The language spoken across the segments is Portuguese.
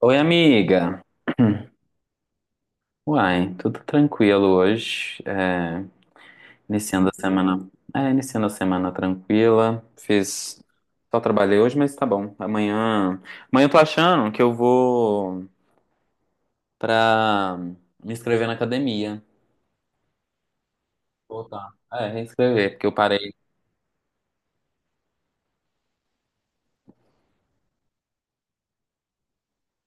Oi, amiga. Uai, tudo tranquilo hoje. É, iniciando a semana. É, iniciando a semana tranquila. Fiz. Só trabalhei hoje, mas tá bom. Amanhã eu tô achando que eu vou pra me inscrever na academia. Voltar. É, reinscrever, porque eu parei.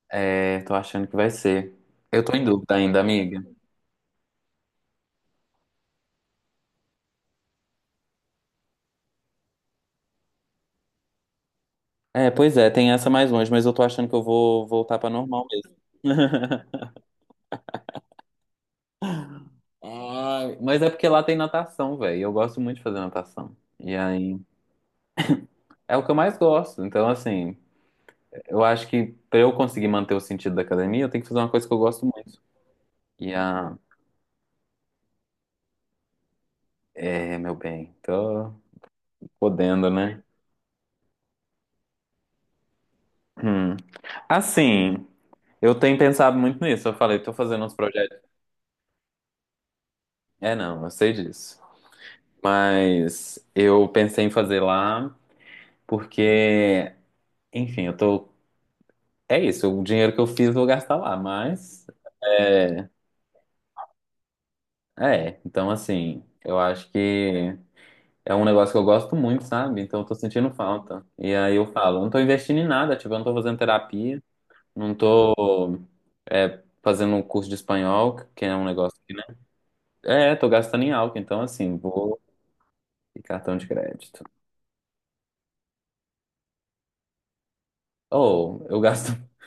É, tô achando que vai ser. Eu tô em dúvida ainda, amiga. É, pois é, tem essa mais longe, mas eu tô achando que eu vou voltar pra normal mesmo. Ai, mas é porque lá tem natação, velho. Eu gosto muito de fazer natação. E aí, é o que eu mais gosto. Então, assim, eu acho que pra eu conseguir manter o sentido da academia, eu tenho que fazer uma coisa que eu gosto muito. E a. É, meu bem, tô podendo, né? Hum. Assim, eu tenho pensado muito nisso. Eu falei, tô fazendo uns projetos. É, não, eu sei disso. Mas eu pensei em fazer lá porque, enfim, eu tô. É isso, o dinheiro que eu fiz eu vou gastar lá, mas. É, então assim, eu acho que é um negócio que eu gosto muito, sabe? Então eu tô sentindo falta. E aí eu falo, não tô investindo em nada, tipo, eu não tô fazendo terapia, não tô fazendo um curso de espanhol, que é um negócio que, né? É, tô gastando em álcool, então assim, vou e cartão de crédito. Ou eu gasto.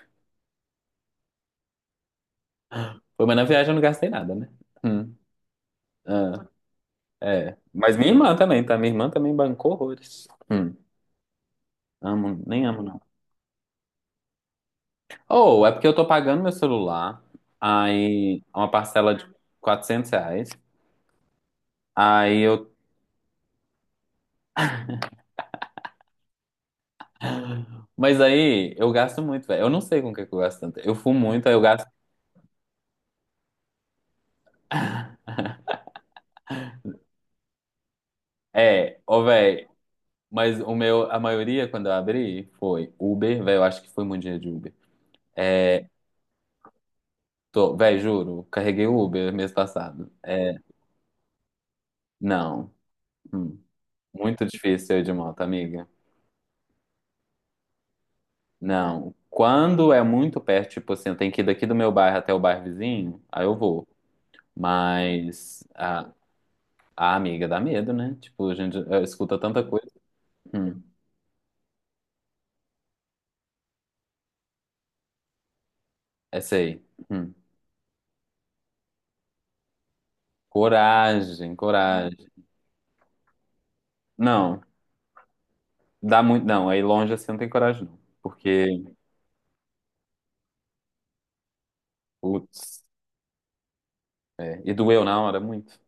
Pô, mas na viagem eu não gastei nada, né? Hum, ah, é. Mas minha irmã também, tá? Minha irmã também bancou horrores. Amo, nem amo, não. Ou é porque eu tô pagando meu celular, aí é uma parcela de R$ 400, aí eu... Mas aí eu gasto muito, velho. Eu não sei com o que que eu gasto tanto. Eu fumo muito, aí eu gasto... É, ô, velho, mas o meu, a maioria, quando eu abri, foi Uber, velho, eu acho que foi muito dinheiro de Uber. É, tô, velho, juro, carreguei o Uber mês passado. É, não, Hum. muito difícil eu ir de moto, amiga. Não, quando é muito perto, tipo assim, eu tenho que ir daqui do meu bairro até o bairro vizinho, aí eu vou. Mas a amiga dá medo, né? Tipo, a gente escuta tanta coisa. Hum, essa aí. Hum. Coragem, coragem. Não, dá muito. Não, aí longe assim não tem coragem, não. Porque, putz, é, e doeu na hora muito.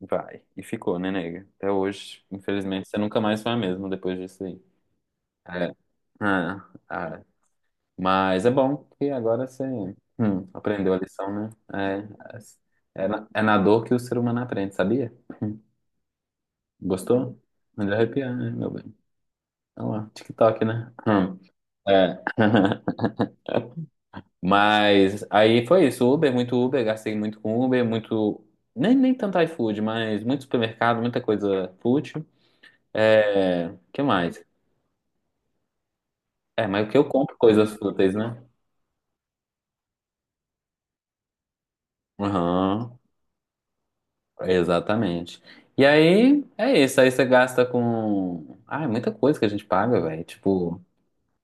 Vai. E ficou, né, nega? Até hoje, infelizmente, você nunca mais foi a mesma depois disso aí. É. Ah, ah. Mas é bom que agora você aprendeu a lição, né? É na dor que o ser humano aprende, sabia? Gostou? Melhor arrepiar, né, meu bem? Olha lá, TikTok, né? Hum. É. Mas aí foi isso, Uber, muito Uber, gastei muito com Uber, muito. Nem tanto iFood, mas muito supermercado, muita coisa fútil. É. Que mais? É, mas o que eu compro coisas fúteis, né? Aham, exatamente. E aí é isso, aí você gasta com. Ah, é muita coisa que a gente paga, velho. Tipo.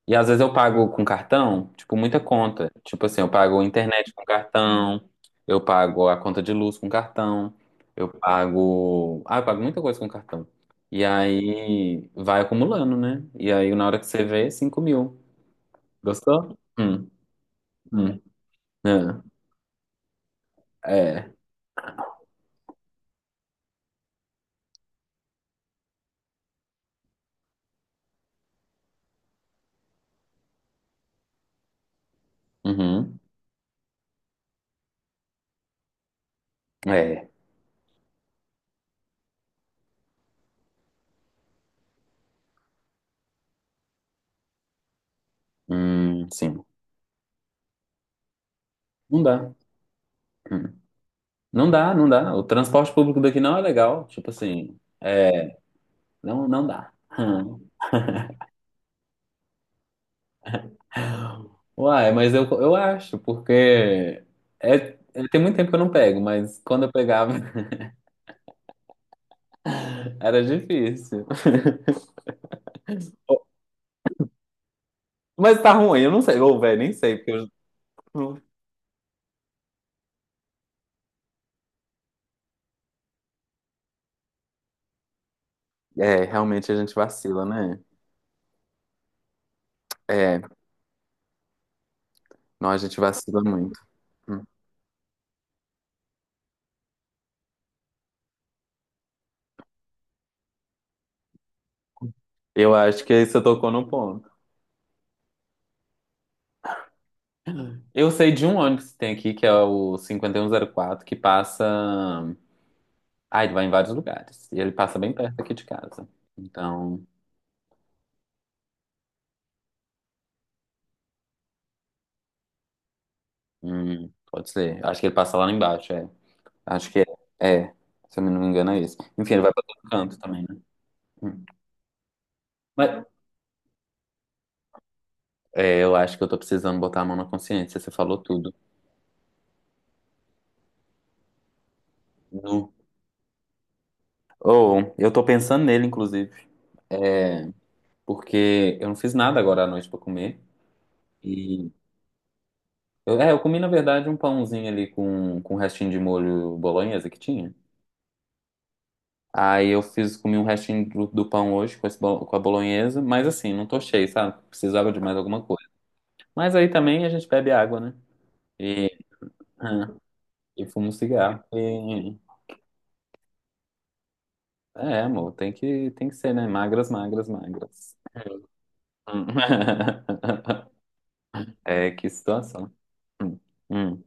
E às vezes eu pago com cartão, tipo, muita conta. Tipo assim, eu pago internet com cartão, eu pago a conta de luz com cartão, eu pago. Ah, eu pago muita coisa com cartão. E aí vai acumulando, né? E aí na hora que você vê, 5000. Gostou? Hum. É. É. Uhum. É. Sim. Não dá. Hum. Não dá, não dá. O transporte público daqui não é legal. Tipo assim, é. Não, não dá. Hum. Uai, mas eu acho, porque é, tem muito tempo que eu não pego, mas quando eu pegava era difícil. Mas tá ruim, eu não sei, ou velho, nem sei, porque eu... não- É, realmente a gente vacila, né? É, nós a gente vacila muito. Hum. Eu acho que aí você tocou no ponto. Eu sei de um ônibus que tem aqui, que é o 5104 que passa. Ah, ele vai em vários lugares. E ele passa bem perto aqui de casa. Então, pode ser. Acho que ele passa lá embaixo, é. Acho que é. É. Se eu não me engano, é isso. Enfim, ele vai pra todo canto também, né? Hum. Mas é, eu acho que eu tô precisando botar a mão na consciência. Você falou tudo. Nu. Ou, eu tô pensando nele, inclusive. É, porque eu não fiz nada agora à noite pra comer. E. eu comi, na verdade, um pãozinho ali com um restinho de molho bolonhesa que tinha. Aí eu fiz, comi um restinho do pão hoje com a bolonhesa, mas assim, não tô cheio, sabe? Precisava de mais alguma coisa. Mas aí também a gente bebe água, né? E hum, E fumo cigarro. E... É, amor, tem que ser, né? Magras, magras, magras. Hum. É, que situação. Hum. Hum.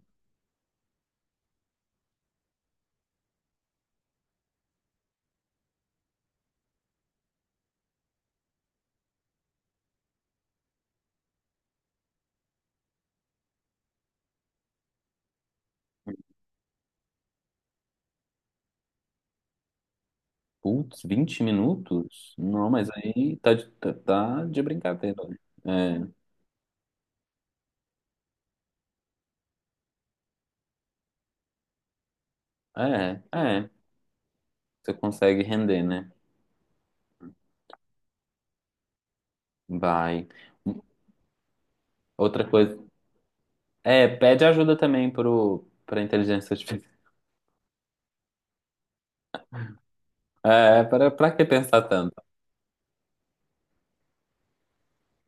Putz, 20 minutos? Não, mas aí tá de brincadeira. Né? É, é, é. Você consegue render, né? Vai. Hum, Outra coisa. É, pede ajuda também pro, pra inteligência artificial. É, para, pra que pensar tanto?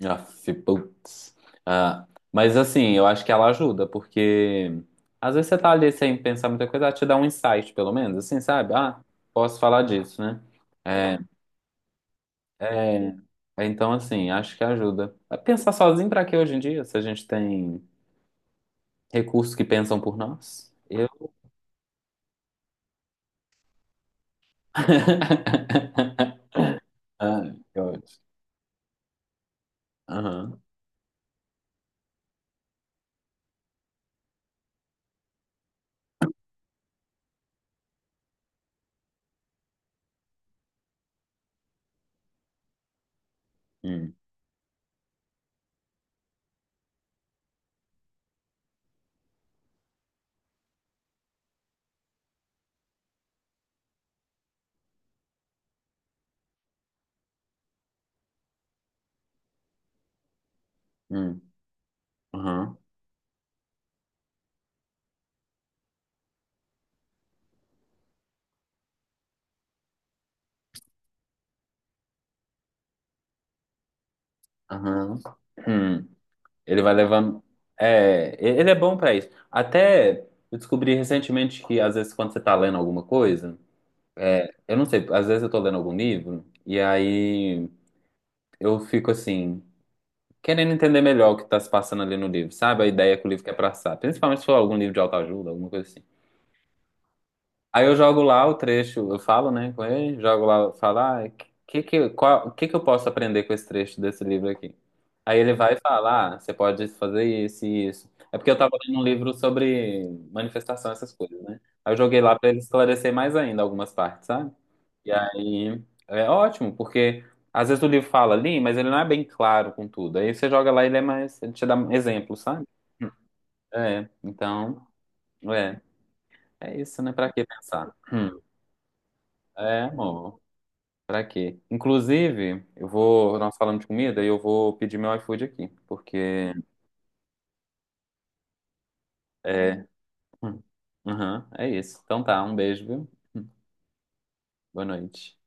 Aff, putz. Ah, mas assim, eu acho que ela ajuda, porque às vezes você tá ali sem pensar muita coisa, ela te dá um insight, pelo menos, assim, sabe? Ah, posso falar disso, né? É, é, é, então, assim, acho que ajuda. Pensar sozinho pra quê hoje em dia, se a gente tem recursos que pensam por nós? Eu. Ah, eu acho. Aham. Hum, hum, aham, aham. Hum. Ele vai levando. É, ele é bom pra isso. Até eu descobri recentemente que, às vezes, quando você tá lendo alguma coisa, eu não sei, às vezes eu tô lendo algum livro, e aí eu fico assim, querendo entender melhor o que tá se passando ali no livro, sabe? A ideia que o livro quer passar. Principalmente se for algum livro de autoajuda, alguma coisa assim. Aí eu jogo lá o trecho, eu falo, né, com ele, jogo lá, falo, ah, que eu posso aprender com esse trecho desse livro aqui? Aí ele vai falar, ah, você pode fazer isso e isso. É porque eu tava lendo um livro sobre manifestação, essas coisas, né? Aí eu joguei lá pra ele esclarecer mais ainda algumas partes, sabe? E aí é ótimo, porque às vezes o livro fala ali, mas ele não é bem claro com tudo. Aí você joga lá, e ele é mais, ele te dá exemplos, sabe? É, então, é, é isso, né? Pra que pensar? Hum. É, amor. Pra quê? Inclusive, eu vou. Nós falamos de comida e eu vou pedir meu iFood aqui. Porque. É. Uhum, é isso. Então tá, um beijo, viu? Hum. Boa noite.